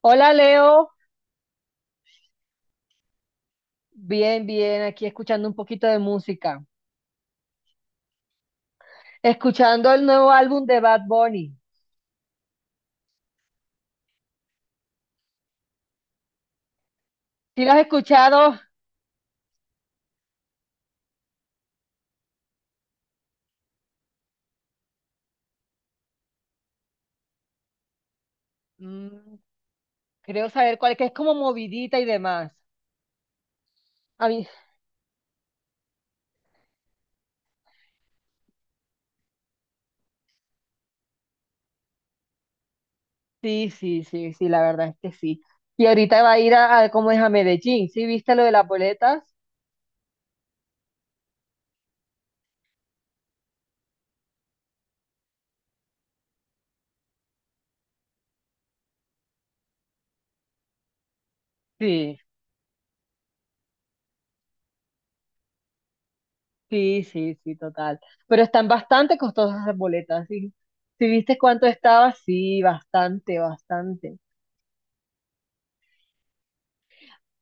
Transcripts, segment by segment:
Hola Leo. Bien, bien, aquí escuchando un poquito de música, escuchando el nuevo álbum de Bad Bunny. ¿Si lo has escuchado? Mm, creo saber cuál, que es como movidita y demás. A mí, sí, sí, sí, sí, la verdad es que sí. Y ahorita va a ir a ¿cómo es? A Medellín, ¿sí? ¿Viste lo de las boletas? Sí, sí, sí, sí, total. Pero están bastante costosas las boletas, ¿sí? ¿Sí viste cuánto estaba? Sí, bastante, bastante.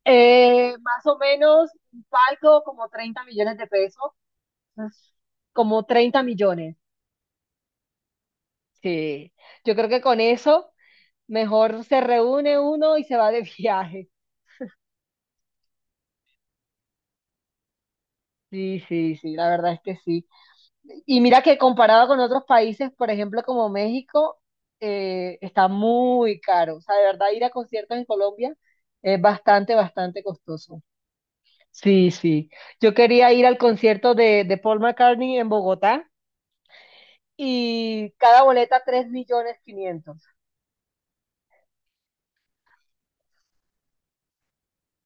Más o menos un palco como 30 millones de pesos, pues, como 30 millones. Sí, yo creo que con eso mejor se reúne uno y se va de viaje. Sí, sí, sí, la verdad es que sí. Y mira que comparado con otros países, por ejemplo, como México, está muy caro. O sea, de verdad ir a conciertos en Colombia es bastante, bastante costoso. Sí, sí. Yo quería ir al concierto de Paul McCartney en Bogotá y cada boleta 3 millones quinientos.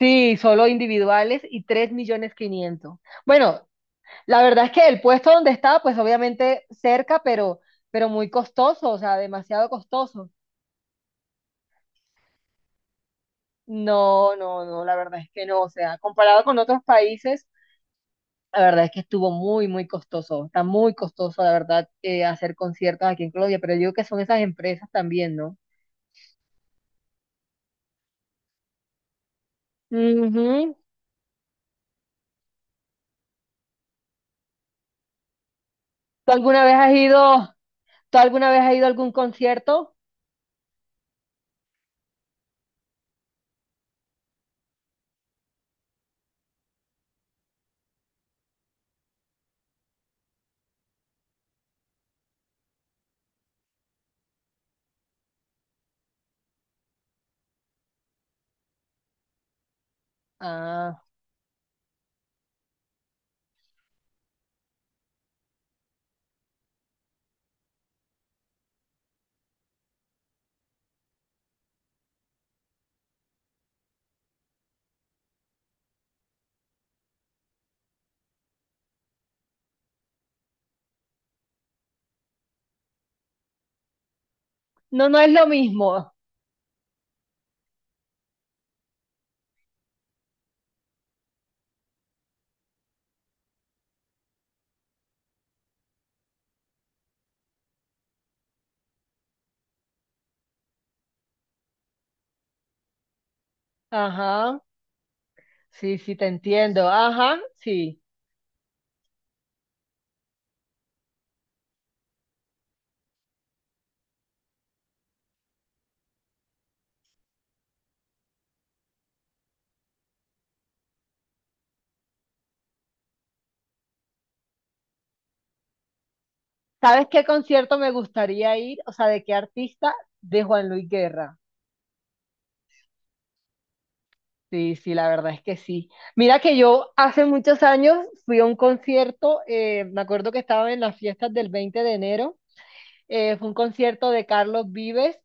Sí, solo individuales y 3 millones quinientos. Bueno, la verdad es que el puesto donde estaba, pues obviamente cerca, pero muy costoso, o sea, demasiado costoso. No, no, no, la verdad es que no, o sea, comparado con otros países, la verdad es que estuvo muy, muy costoso, está muy costoso, la verdad, hacer conciertos aquí en Colombia, pero yo digo que son esas empresas también, ¿no? Ujú. ¿Tú alguna vez has ido, tú alguna vez has ido a algún concierto? Ah, no, no es lo mismo. Ajá, sí, sí, te entiendo. Ajá, sí. ¿Sabes qué concierto me gustaría ir? O sea, ¿de qué artista? De Juan Luis Guerra. Sí, sí, la verdad es que sí. Mira que yo hace muchos años fui a un concierto, me acuerdo que estaba en las fiestas del 20 de enero, fue un concierto de Carlos Vives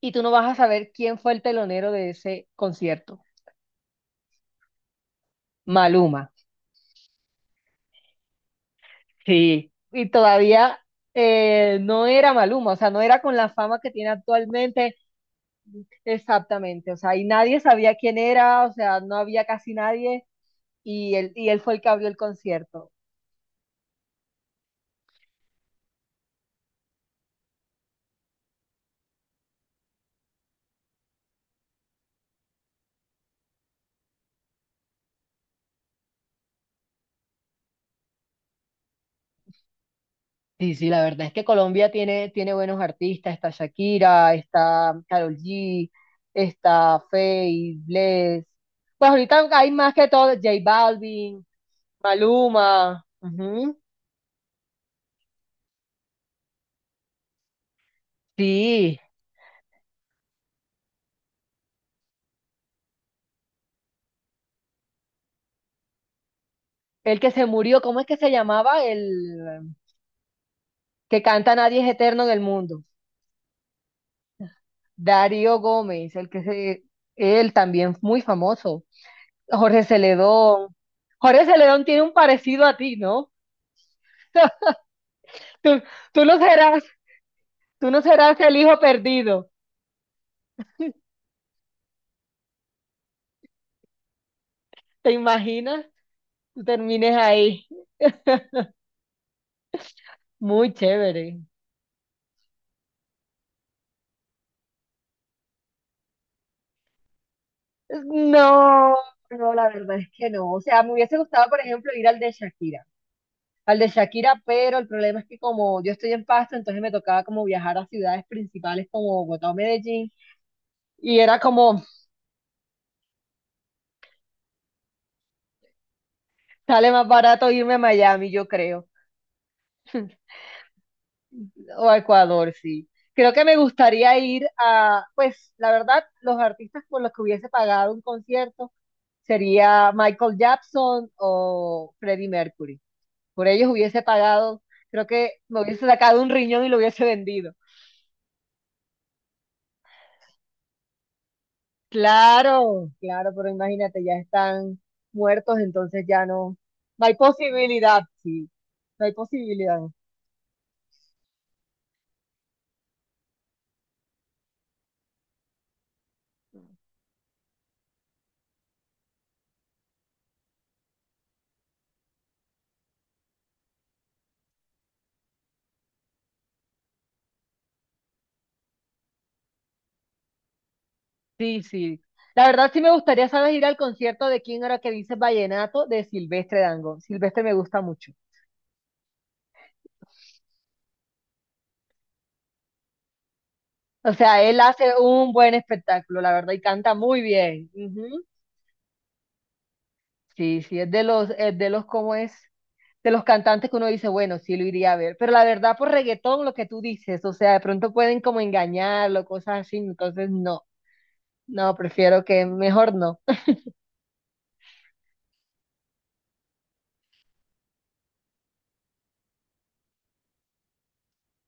y tú no vas a saber quién fue el telonero de ese concierto. Maluma. Sí, y todavía no era Maluma, o sea, no era con la fama que tiene actualmente, exactamente, o sea, y nadie sabía quién era, o sea, no había casi nadie, y él fue el que abrió el concierto. Sí, sí, la verdad es que Colombia tiene, tiene buenos artistas, está Shakira, está Karol G, está Feid, Bless, pues ahorita hay más que todo, J Balvin, Maluma, ujú. Sí, el que se murió, ¿cómo es que se llamaba? El... que canta Nadie es eterno en el mundo. Darío Gómez, el que se, él también muy famoso. Jorge Celedón. Jorge Celedón tiene un parecido a ti, ¿no? Tú, tú no serás, tú no serás el hijo perdido. ¿Te imaginas? Tú termines ahí. Muy chévere. No, no, la verdad es que no. O sea, me hubiese gustado, por ejemplo, ir al de Shakira. Al de Shakira, pero el problema es que como yo estoy en Pasto, entonces me tocaba como viajar a ciudades principales como Bogotá o Medellín. Y era como, sale más barato irme a Miami, yo creo, o a Ecuador, sí. Creo que me gustaría ir a, pues, la verdad, los artistas por los que hubiese pagado un concierto sería Michael Jackson o Freddie Mercury. Por ellos hubiese pagado, creo que me hubiese sacado un riñón y lo hubiese vendido. Claro, claro, pero imagínate, ya están muertos, entonces ya no, no hay posibilidad, sí, no hay posibilidad. Sí, sí. La verdad sí me gustaría, ¿sabes? Ir al concierto de quién era que dice Vallenato de Silvestre Dangond. Silvestre me gusta mucho. O sea, él hace un buen espectáculo, la verdad, y canta muy bien. Ujú. Sí, sí, es de los, ¿cómo es? De los cantantes que uno dice, bueno, sí lo iría a ver. Pero la verdad, por reggaetón, lo que tú dices, o sea, de pronto pueden como engañarlo, cosas así, entonces no, no, prefiero que mejor no.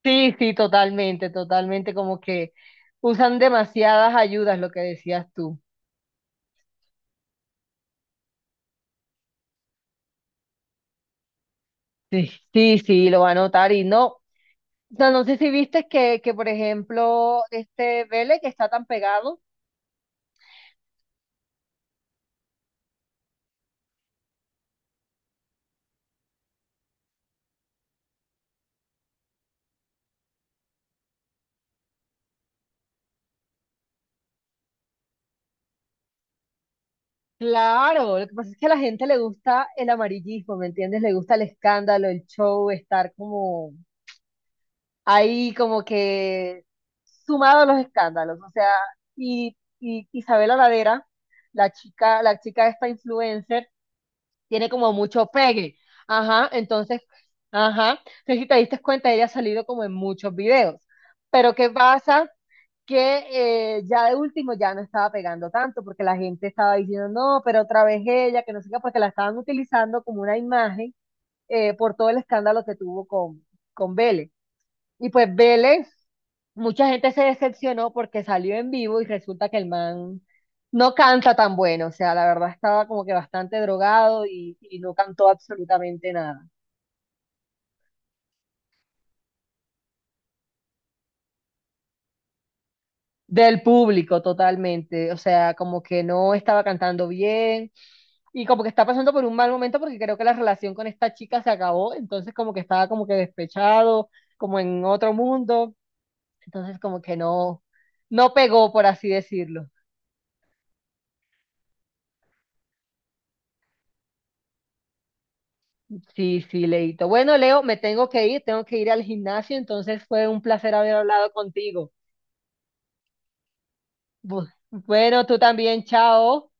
Sí, sí, totalmente, totalmente, como que usan demasiadas ayudas, lo que decías tú. Sí, sí, sí, lo va a notar y no, o sea, no sé si viste que, por ejemplo, este Vélez que está tan pegado, claro, lo que pasa es que a la gente le gusta el amarillismo, ¿me entiendes? Le gusta el escándalo, el show, estar como ahí como que sumado a los escándalos, o sea y la chica, la chica esta influencer tiene como mucho pegue. Ajá, entonces, ajá, entonces si te diste cuenta, ella ha salido como en muchos videos. Pero ¿qué pasa? Que ya de último ya no estaba pegando tanto porque la gente estaba diciendo, no, pero otra vez ella, que no sé qué, porque la estaban utilizando como una imagen por todo el escándalo que tuvo con Vélez. Y pues Vélez mucha gente se decepcionó porque salió en vivo y resulta que el man no canta tan bueno, o sea, la verdad estaba como que bastante drogado y no cantó absolutamente nada. Del público totalmente, o sea, como que no estaba cantando bien y como que está pasando por un mal momento porque creo que la relación con esta chica se acabó, entonces como que estaba como que despechado, como en otro mundo, entonces como que no, no pegó, por así decirlo. Sí, sí, Leito. Bueno, Leo, me tengo que ir al gimnasio, entonces fue un placer haber hablado contigo. Bueno, tú también, chao.